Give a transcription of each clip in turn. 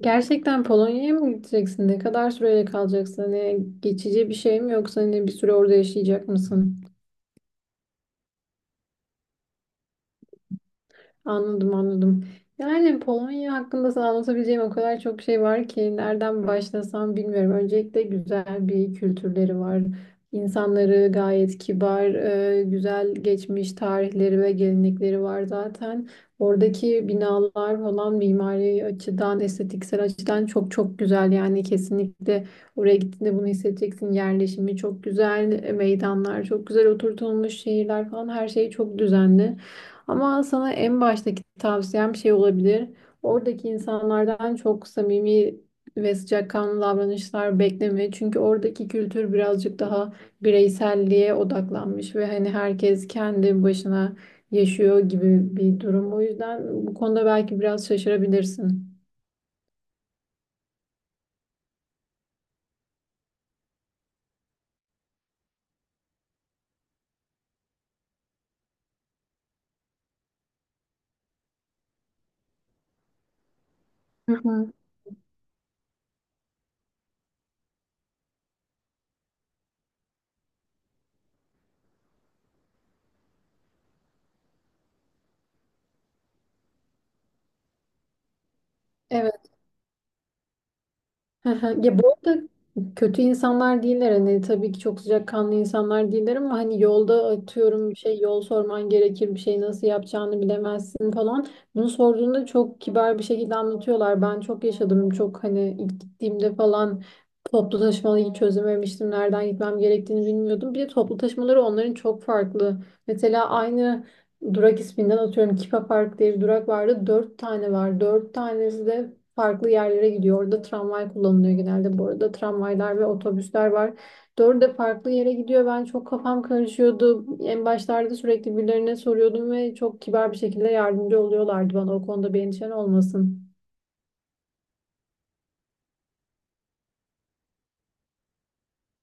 Gerçekten Polonya'ya mı gideceksin? Ne kadar süreyle kalacaksın? Hani geçici bir şey mi yoksa hani bir süre orada yaşayacak mısın? Anladım, anladım. Yani Polonya hakkında sana anlatabileceğim o kadar çok şey var ki nereden başlasam bilmiyorum. Öncelikle güzel bir kültürleri var. İnsanları gayet kibar, güzel geçmiş tarihleri ve gelenekleri var zaten. Oradaki binalar falan mimari açıdan, estetiksel açıdan çok çok güzel. Yani kesinlikle oraya gittiğinde bunu hissedeceksin. Yerleşimi çok güzel, meydanlar çok güzel oturtulmuş, şehirler falan her şey çok düzenli. Ama sana en baştaki tavsiyem şey olabilir. Oradaki insanlardan çok samimi ve sıcakkanlı davranışlar bekleme. Çünkü oradaki kültür birazcık daha bireyselliğe odaklanmış ve hani herkes kendi başına yaşıyor gibi bir durum. O yüzden bu konuda belki biraz şaşırabilirsin. Hı hı. Evet. Hı hı. Ya bu arada kötü insanlar değiller, hani tabii ki çok sıcakkanlı insanlar değiller ama hani yolda atıyorum bir şey, yol sorman gerekir, bir şey nasıl yapacağını bilemezsin falan. Bunu sorduğunda çok kibar bir şekilde anlatıyorlar. Ben çok yaşadım, çok hani ilk gittiğimde falan toplu taşımayı hiç çözememiştim. Nereden gitmem gerektiğini bilmiyordum. Bir de toplu taşımaları onların çok farklı. Mesela aynı durak isminden atıyorum Kipa Park diye bir durak vardı. Dört tane var. Dört tanesi de farklı yerlere gidiyor. Orada tramvay kullanılıyor genelde bu arada. Tramvaylar ve otobüsler var. Dördü de farklı yere gidiyor. Ben çok kafam karışıyordu. En başlarda sürekli birilerine soruyordum ve çok kibar bir şekilde yardımcı oluyorlardı bana. O konuda bir endişen olmasın.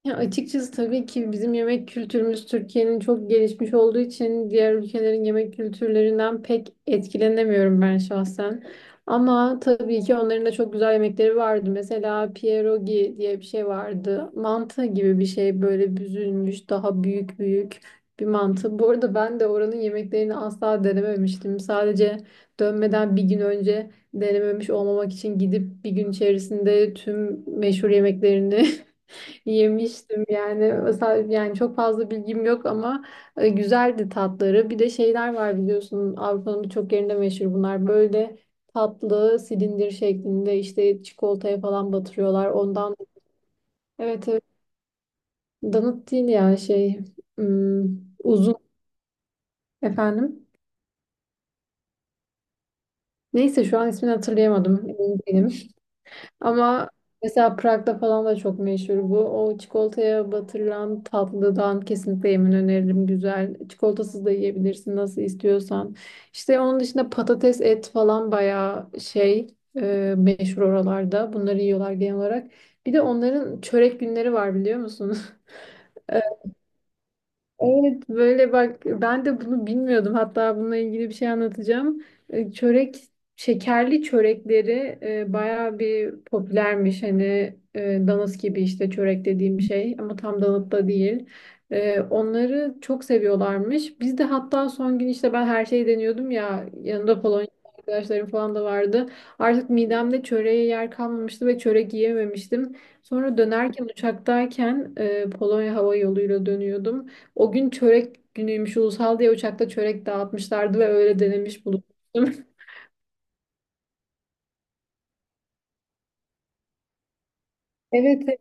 Ya açıkçası tabii ki bizim yemek kültürümüz Türkiye'nin çok gelişmiş olduğu için diğer ülkelerin yemek kültürlerinden pek etkilenemiyorum ben şahsen. Ama tabii ki onların da çok güzel yemekleri vardı. Mesela pierogi diye bir şey vardı. Mantı gibi bir şey, böyle büzülmüş, daha büyük büyük bir mantı. Bu arada ben de oranın yemeklerini asla denememiştim. Sadece dönmeden bir gün önce denememiş olmamak için gidip bir gün içerisinde tüm meşhur yemeklerini yemiştim yani. Mesela yani çok fazla bilgim yok ama güzeldi tatları. Bir de şeyler var biliyorsun, Avrupa'nın birçok yerinde meşhur bunlar. Böyle tatlı silindir şeklinde, işte çikolataya falan batırıyorlar. Ondan evet, evet, donut değil ya, şey, hmm, uzun, efendim. Neyse şu an ismini hatırlayamadım. Emin değilim. Ama mesela Prag'da falan da çok meşhur bu. O çikolataya batırılan tatlıdan kesinlikle yemin öneririm. Güzel. Çikolatasız da yiyebilirsin nasıl istiyorsan. İşte onun dışında patates, et falan bayağı şey meşhur oralarda. Bunları yiyorlar genel olarak. Bir de onların çörek günleri var biliyor musunuz? Evet, böyle bak, ben de bunu bilmiyordum. Hatta bununla ilgili bir şey anlatacağım. Çörek, şekerli çörekleri bayağı bir popülermiş. Hani danıt gibi, işte çörek dediğim şey ama tam danıt da değil. Onları çok seviyorlarmış. Biz de hatta son gün işte ben her şeyi deniyordum ya, yanında Polonya arkadaşlarım falan da vardı. Artık midemde çöreğe yer kalmamıştı ve çörek yiyememiştim. Sonra dönerken uçaktayken Polonya hava yoluyla dönüyordum. O gün çörek günüymüş ulusal diye uçakta çörek dağıtmışlardı ve öyle denemiş bulunmuştum. Evet, evet.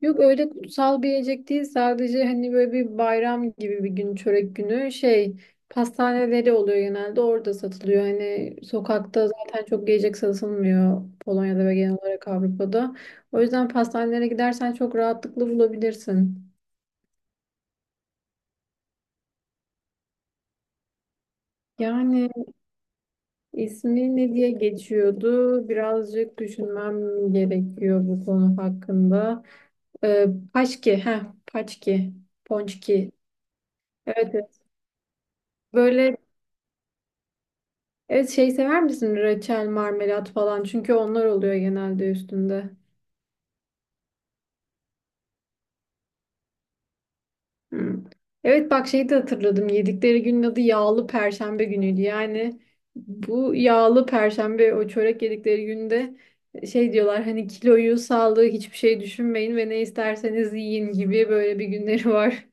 Yok, öyle kutsal bir yiyecek değil, sadece hani böyle bir bayram gibi bir gün, çörek günü, şey, pastaneleri oluyor genelde, orada satılıyor. Hani sokakta zaten çok yiyecek satılmıyor Polonya'da ve genel olarak Avrupa'da. O yüzden pastanelere gidersen çok rahatlıkla bulabilirsin. Yani İsmi ne diye geçiyordu? Birazcık düşünmem gerekiyor bu konu hakkında. Ee, Paşki, heh, Paçki, Ponçki. Evet, evet. Böyle, evet, şey sever misin? Reçel, marmelat falan. Çünkü onlar oluyor genelde üstünde. Hı. Evet, bak, şeyi de hatırladım. Yedikleri günün adı yağlı perşembe günüydü. Yani bu yağlı perşembe, o çörek yedikleri günde şey diyorlar, hani kiloyu, sağlığı hiçbir şey düşünmeyin ve ne isterseniz yiyin gibi böyle bir günleri var.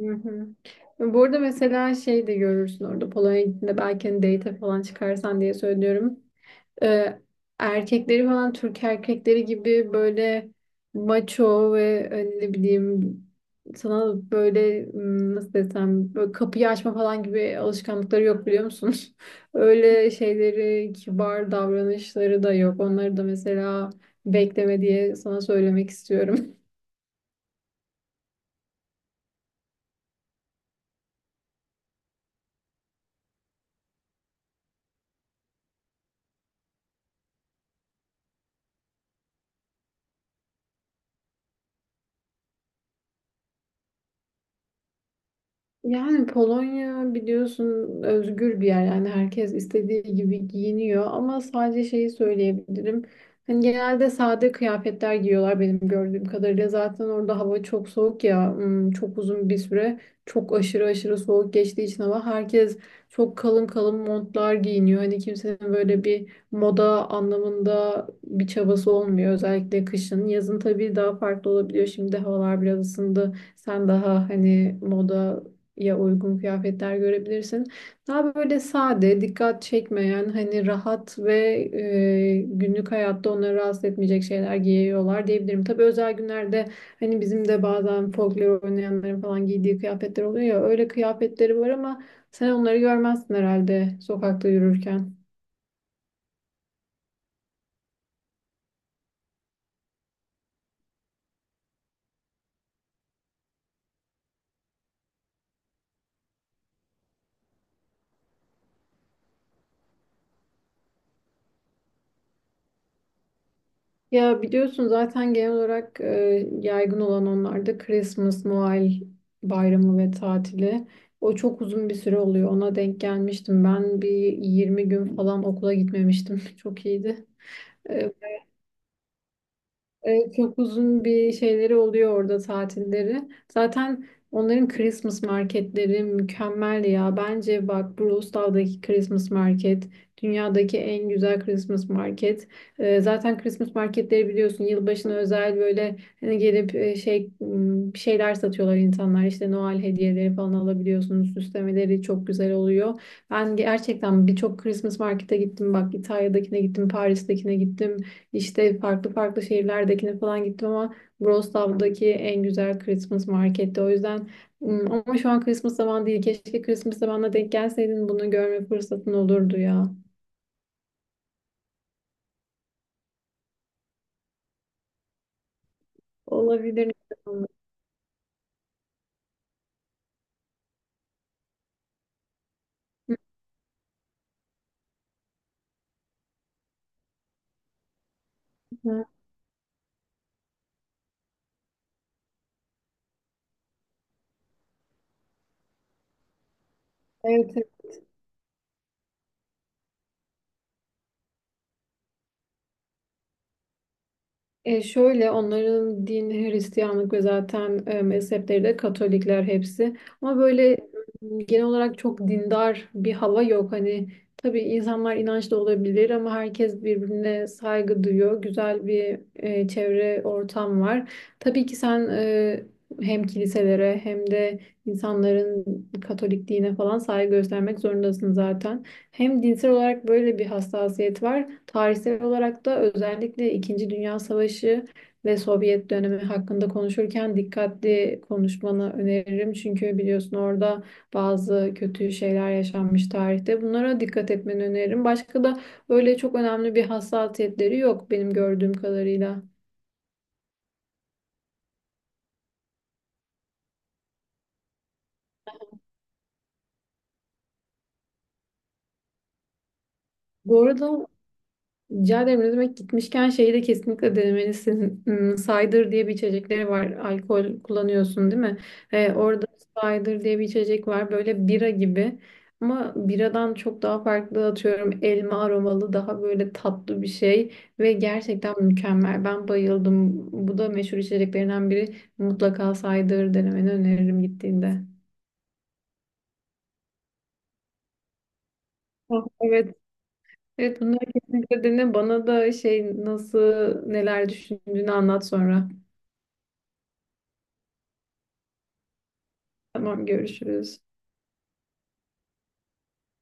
Hı hı. Bu arada mesela şey de görürsün orada Polonya'ya gittiğinde, belki hani date falan çıkarsan diye söylüyorum. e, Erkekleri falan Türk erkekleri gibi böyle maço ve hani ne bileyim, sana böyle nasıl desem, böyle kapıyı açma falan gibi alışkanlıkları yok biliyor musun? Öyle şeyleri, kibar davranışları da yok. Onları da mesela bekleme diye sana söylemek istiyorum. Yani Polonya biliyorsun özgür bir yer, yani herkes istediği gibi giyiniyor ama sadece şeyi söyleyebilirim. Hani genelde sade kıyafetler giyiyorlar benim gördüğüm kadarıyla. Zaten orada hava çok soğuk ya, çok uzun bir süre çok aşırı soğuk geçtiği için hava, herkes çok kalın kalın montlar giyiniyor. Hani kimsenin böyle bir moda anlamında bir çabası olmuyor özellikle kışın. Yazın tabii daha farklı olabiliyor, şimdi havalar biraz ısındı. Sen daha hani moda ya uygun kıyafetler görebilirsin. Daha böyle sade, dikkat çekmeyen, hani rahat ve günlük hayatta onları rahatsız etmeyecek şeyler giyiyorlar diyebilirim. Tabii özel günlerde hani bizim de bazen folklor oynayanların falan giydiği kıyafetler oluyor ya, öyle kıyafetleri var ama sen onları görmezsin herhalde sokakta yürürken. Ya biliyorsun zaten genel olarak yaygın olan onlarda Christmas, Noel bayramı ve tatili. O çok uzun bir süre oluyor. Ona denk gelmiştim. Ben bir 20 gün falan okula gitmemiştim. Çok iyiydi. E, Çok uzun bir şeyleri oluyor orada, tatilleri. Zaten onların Christmas marketleri mükemmel ya. Bence bak, Brustal'daki Christmas market dünyadaki en güzel Christmas market. Zaten Christmas marketleri biliyorsun yılbaşına özel, böyle hani gelip şey, bir şeyler satıyorlar insanlar. İşte Noel hediyeleri falan alabiliyorsunuz. Süslemeleri çok güzel oluyor. Ben gerçekten birçok Christmas markete gittim. Bak, İtalya'dakine gittim, Paris'tekine gittim. İşte farklı farklı şehirlerdekine falan gittim ama Wrocław'daki en güzel Christmas marketti. O yüzden ama şu an Christmas zamanı değil. Keşke Christmas zamanına denk gelseydin, bunu görme fırsatın olurdu ya. Olabilir. Hı hı. Evet. Şöyle, onların din Hristiyanlık ve zaten mezhepleri de Katolikler hepsi. Ama böyle genel olarak çok dindar bir hava yok. Hani tabii insanlar inançlı olabilir ama herkes birbirine saygı duyuyor. Güzel bir çevre, ortam var. Tabii ki sen hem kiliselere hem de İnsanların Katolik dine falan saygı göstermek zorundasın zaten. Hem dinsel olarak böyle bir hassasiyet var. Tarihsel olarak da özellikle İkinci Dünya Savaşı ve Sovyet dönemi hakkında konuşurken dikkatli konuşmanı öneririm. Çünkü biliyorsun orada bazı kötü şeyler yaşanmış tarihte. Bunlara dikkat etmeni öneririm. Başka da öyle çok önemli bir hassasiyetleri yok benim gördüğüm kadarıyla. Bu arada, rica ederim, ne demek. Gitmişken şeyi de kesinlikle denemelisin. Cider diye bir içecekleri var. Alkol kullanıyorsun değil mi? Orada cider diye bir içecek var. Böyle bira gibi. Ama biradan çok daha farklı, atıyorum elma aromalı, daha böyle tatlı bir şey. Ve gerçekten mükemmel. Ben bayıldım. Bu da meşhur içeceklerinden biri. Mutlaka cider denemeni öneririm gittiğinde. Ah, evet. Evet, bunları kesinlikle dene. Bana da şey, nasıl, neler düşündüğünü anlat sonra. Tamam, görüşürüz.